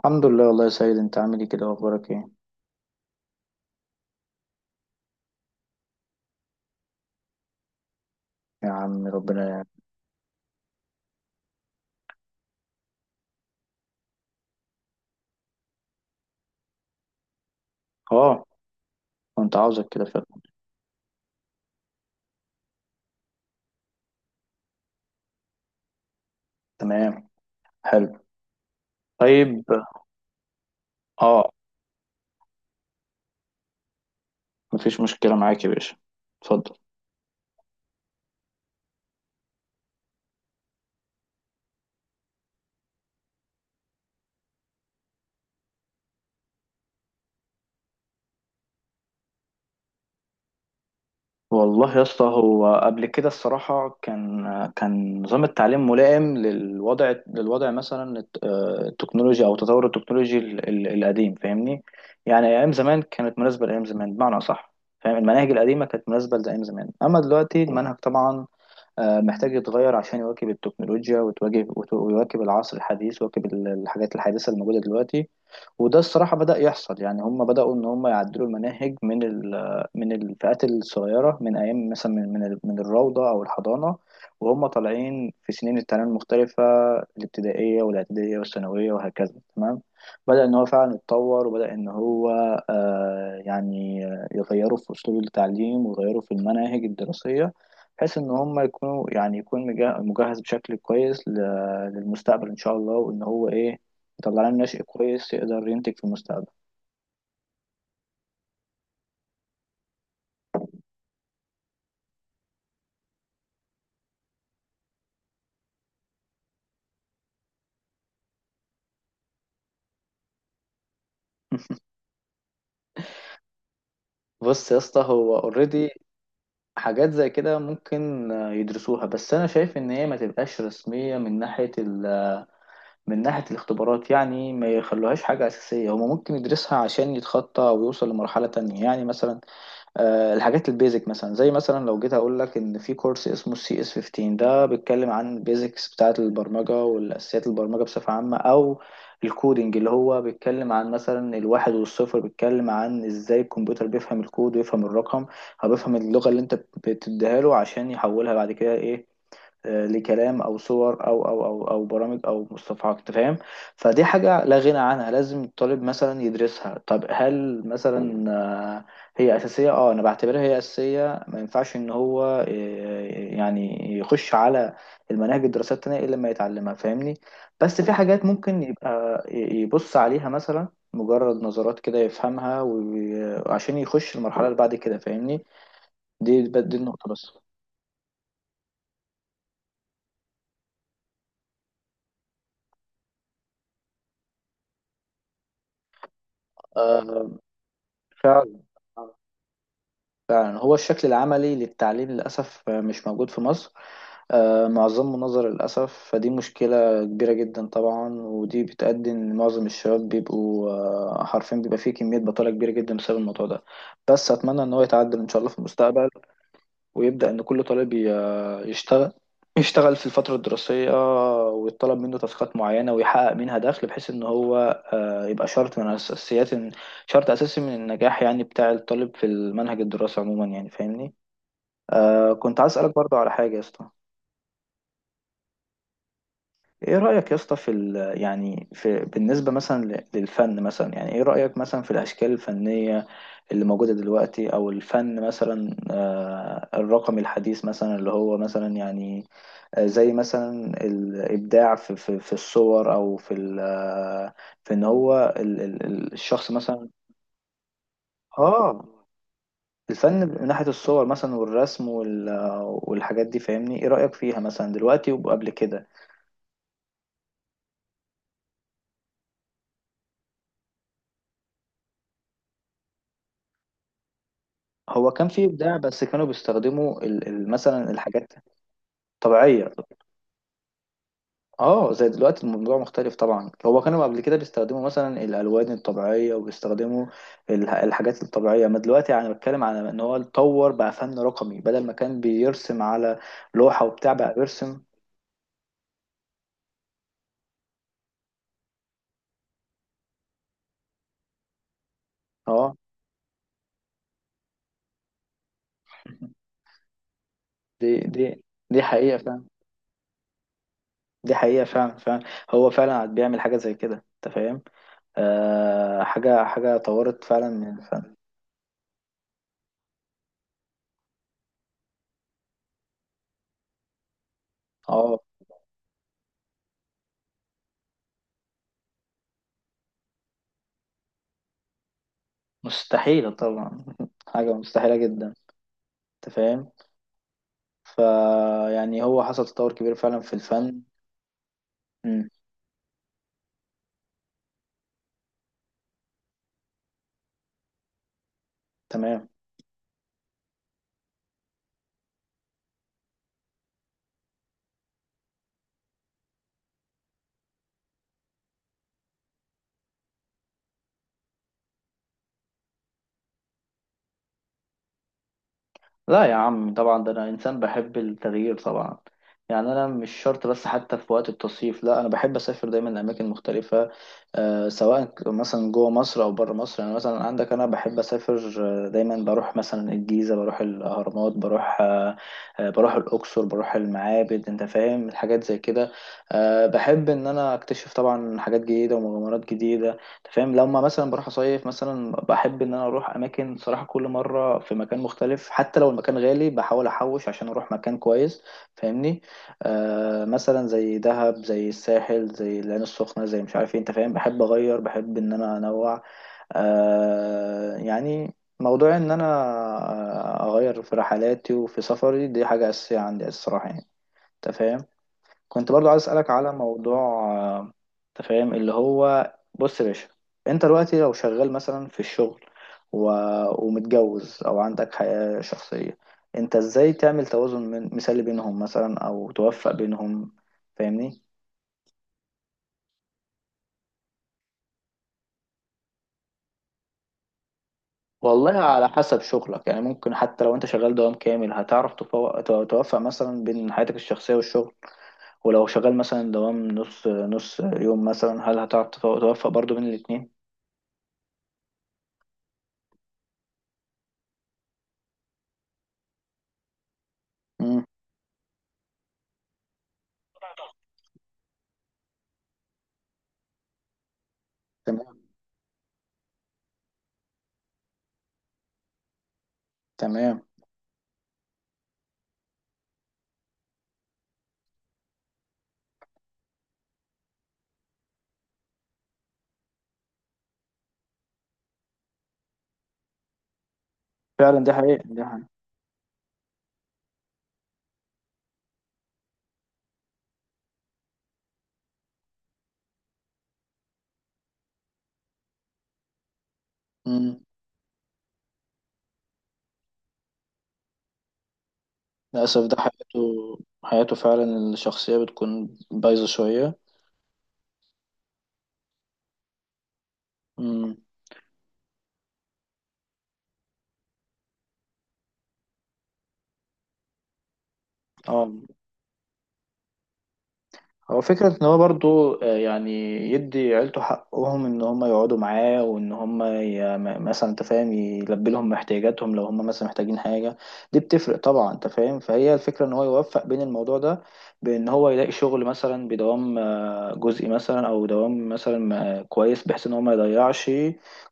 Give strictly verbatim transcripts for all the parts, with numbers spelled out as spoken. الحمد لله والله يا سيد، انت عامل ايه كده واخبارك ايه؟ يا عم ربنا يعني. اه، كنت عاوزك كده فعلا. تمام، حلو، طيب. اه، مفيش مشكلة معاك يا باشا، اتفضل. والله يا اسطى، هو قبل كده الصراحة كان كان نظام التعليم ملائم للوضع للوضع مثلا الت- آه، التكنولوجيا او تطور التكنولوجي ال- ال- القديم، فاهمني. يعني ايام زمان كانت مناسبة لايام زمان بمعنى اصح. فاهم، المناهج القديمة كانت مناسبة لايام زمان، اما دلوقتي المنهج طبعا آه، محتاج يتغير عشان يواكب التكنولوجيا وتواجه وت- ويواكب العصر الحديث ويواكب ال- الحاجات الحديثة الموجودة دلوقتي. وده الصراحة بدأ يحصل يعني، هم بدأوا إن هم يعدلوا المناهج من ال- من الفئات الصغيرة، من أيام مثلا من من ال- من الروضة أو الحضانة. وهم طالعين في سنين التعليم المختلفة: الابتدائية والإعدادية والثانوية وهكذا، تمام. بدأ إن هو فعلا يتطور، وبدأ إن هو آه يعني آه، يغيروا في أسلوب التعليم ويغيروا في المناهج الدراسية، بحيث إن هم يكونوا يعني يكون مجه- مجهز بشكل كويس ل- للمستقبل إن شاء الله. وإن هو إيه، يطلع لنا ناشئ كويس يقدر ينتج في المستقبل. بص يا اسطى، هو اوريدي حاجات زي كده ممكن آه، يدرسوها، بس انا شايف ان هي ما تبقاش رسميه من ناحيه ال... من ناحيه الاختبارات يعني، ما يخلوهاش حاجه اساسيه. هما ممكن يدرسها عشان يتخطى ويوصل لمرحله تانية يعني، مثلا آه، الحاجات البيزك. مثلا زي مثلا لو جيت اقول لك ان في كورس اسمه سي اس خمستاشر، ده بيتكلم عن البيزكس بتاعه البرمجه والاساسيات البرمجه بصفه عامه، او الكودينج اللي هو بيتكلم عن مثلا الواحد والصفر، بيتكلم عن ازاي الكمبيوتر بيفهم الكود ويفهم الرقم، او بيفهم اللغه اللي انت بتديها له عشان يحولها بعد كده ايه، آه، لكلام او صور او او او او برامج او مصطلحات، انت فاهم. فدي حاجه لا غنى عنها، لازم الطالب مثلا يدرسها. طب هل مثلا آه، هي اساسيه؟ اه، انا بعتبرها هي اساسيه. ما ينفعش ان هو آه، يعني يخش على المناهج الدراسات التانية الا لما يتعلمها، فاهمني. بس في حاجات ممكن يبقى يبص عليها مثلا مجرد نظرات كده يفهمها وعشان يخش المرحله اللي بعد كده، فاهمني. دي دي النقطه بس. آه، فعلا فعلا، هو الشكل العملي للتعليم للأسف مش موجود في مصر. آه، معظمه نظر للأسف. فدي مشكلة كبيرة جدا طبعا، ودي بتؤدي إن معظم الشباب بيبقوا آه، حرفيا بيبقى فيه كمية بطالة كبيرة جدا بسبب الموضوع ده. بس أتمنى إن هو يتعدل إن شاء الله في المستقبل، ويبدأ إن كل طالب ي- يشتغل. يشتغل في الفترة الدراسية ويطلب منه تاسكات معينة ويحقق منها دخل، بحيث إن هو آه، يبقى شرط من أساسيات، شرط أساسي من النجاح يعني بتاع الطالب في المنهج الدراسي عموما يعني، فاهمني. آه، كنت عايز أسألك برضه على حاجة يا اسطى. إيه رأيك يا اسطى في ال يعني في بالنسبة مثلا ل- للفن مثلا؟ يعني إيه رأيك مثلا في الأشكال الفنية اللي موجودة دلوقتي، أو الفن مثلا آه، الرقمي الحديث، مثلا اللي هو مثلا يعني آه، زي مثلا الابداع في في في الصور، او في ال- آه، في ان هو ال- ال- ال- الشخص مثلا. اه، الفن من ناحيه الصور مثلا، والرسم وال- آه، والحاجات دي، فاهمني، ايه رايك فيها مثلا دلوقتي وقبل كده؟ هو كان فيه ابداع، بس كانوا بيستخدموا ال- ال- مثلا الحاجات طبيعيه. اه زي دلوقتي الموضوع مختلف طبعا. هو كانوا قبل كده بيستخدموا مثلا الالوان الطبيعيه، وبيستخدموا الح- الحاجات الطبيعيه. ما دلوقتي يعني بتكلم على ان هو اتطور بقى فن رقمي، بدل ما كان بيرسم على لوحه وبتاع بقى بيرسم. اه، دي دي دي حقيقه فعلا. دي حقيقه فعلا فعلا. هو فعلا بيعمل حاجه زي كده، انت فاهم. آه، حاجه حاجه طورت فعلا من الفن. اه مستحيله طبعا حاجه مستحيله جدا، انت فاهم. فيعني هو حصل تطور كبير فعلا في الفن. مم. تمام. لا يا عم، طبعا ده انا انسان بحب التغيير طبعا. يعني انا مش شرط، بس حتى في وقت التصيف لا، انا بحب اسافر دايما لاماكن مختلفه. آه، سواء ك- مثلا جوه مصر او بره مصر. يعني مثلا عندك، انا بحب اسافر آه، دايما. بروح مثلا الجيزه، بروح الاهرامات، بروح آه آه، بروح الاقصر، بروح المعابد، انت فاهم، الحاجات زي كده. آه، بحب ان انا اكتشف طبعا حاجات جديده ومغامرات جديده. أنت فاهم، لما مثلا بروح اصيف مثلا، بحب ان انا اروح اماكن صراحه كل مره في مكان مختلف. حتى لو المكان غالي بحاول احوش عشان اروح مكان كويس، فاهمني. آه، مثلا زي دهب، زي الساحل، زي العين السخنه، زي مش عارف ايه، انت فاهم. بحب اغير، بحب ان انا انوع، آه يعني موضوع ان انا اغير في رحلاتي وفي سفري. دي حاجه اساسيه عندي الصراحه يعني، انت فاهم. كنت برضو عايز اسالك على موضوع، آه، انت فاهم، اللي هو بص يا باشا، انت دلوقتي لو شغال مثلا في الشغل و... ومتجوز او عندك حياة شخصية، انت ازاي تعمل توازن من... مثالي بينهم مثلا او توفق بينهم، فاهمني؟ والله على حسب شغلك يعني. ممكن حتى لو انت شغال دوام كامل هتعرف تفو... تو- توفق مثلا بين حياتك الشخصية والشغل. ولو شغال مثلا دوام نص نص يوم مثلا، هل هتعرف تفو- توفق برضو بين الاتنين؟ مم. تمام. تمام، فعلا، دي حقيقة دي حقيقة. مم. للأسف ده حياته. حياته فعلا الشخصية بتكون بايظة شوية. مم. اه، هو فكرة ان هو برضو آه، يعني يدي عيلته حقهم ان هم يقعدوا معاه، وان هم ي- م- مثلا، انت فاهم، يلبي لهم احتياجاتهم لو هم مثلا محتاجين حاجة. دي بتفرق طبعا، انت فاهم. فهي الفكرة ان هو يوفق بين الموضوع ده، بان هو يلاقي شغل مثلا بدوام آه، جزئي مثلا، او دوام مثلا آه، كويس، بحيث ان هو ما يضيعش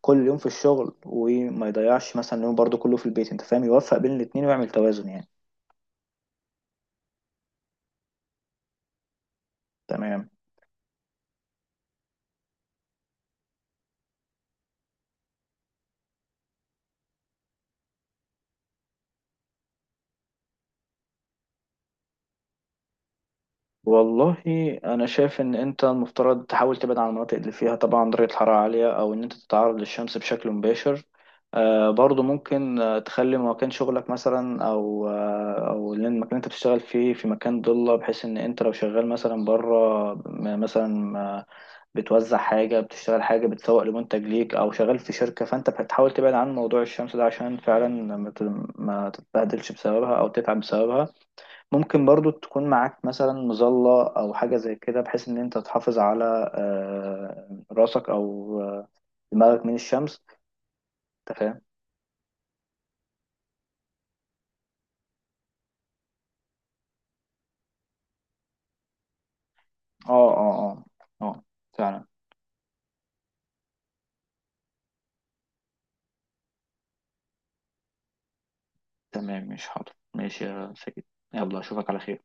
كل يوم في الشغل، وما يضيعش مثلا يوم برضو كله في البيت، انت فاهم، يوفق بين الاتنين ويعمل توازن يعني. تمام. والله، انا شايف ان انت المفترض تحاول تبعد عن المناطق اللي فيها طبعا درجة حرارة عالية، او ان انت تتعرض للشمس بشكل مباشر. آه برضو ممكن آه، تخلي مكان شغلك مثلا، او آه او لأن المكان اللي انت بتشتغل فيه في مكان ضلة. بحيث ان انت لو شغال مثلا بره، م- مثلا آه، بتوزع حاجة، بتشتغل حاجة، بتسوق لمنتج ليك، او شغال في شركة، فانت بتحاول تبعد عن موضوع الشمس ده عشان فعلا ما تت- ما تتبهدلش بسببها او تتعب بسببها. ممكن برضو تكون معاك مثلا مظلة أو حاجة زي كده، بحيث إن أنت تحافظ على آه، راسك أو آه، دماغك من الشمس. أنت فاهم؟ أه أه أه أه، فعلا. تمام، مش حاضر، ماشي يا سيد. يلا أشوفك على خير.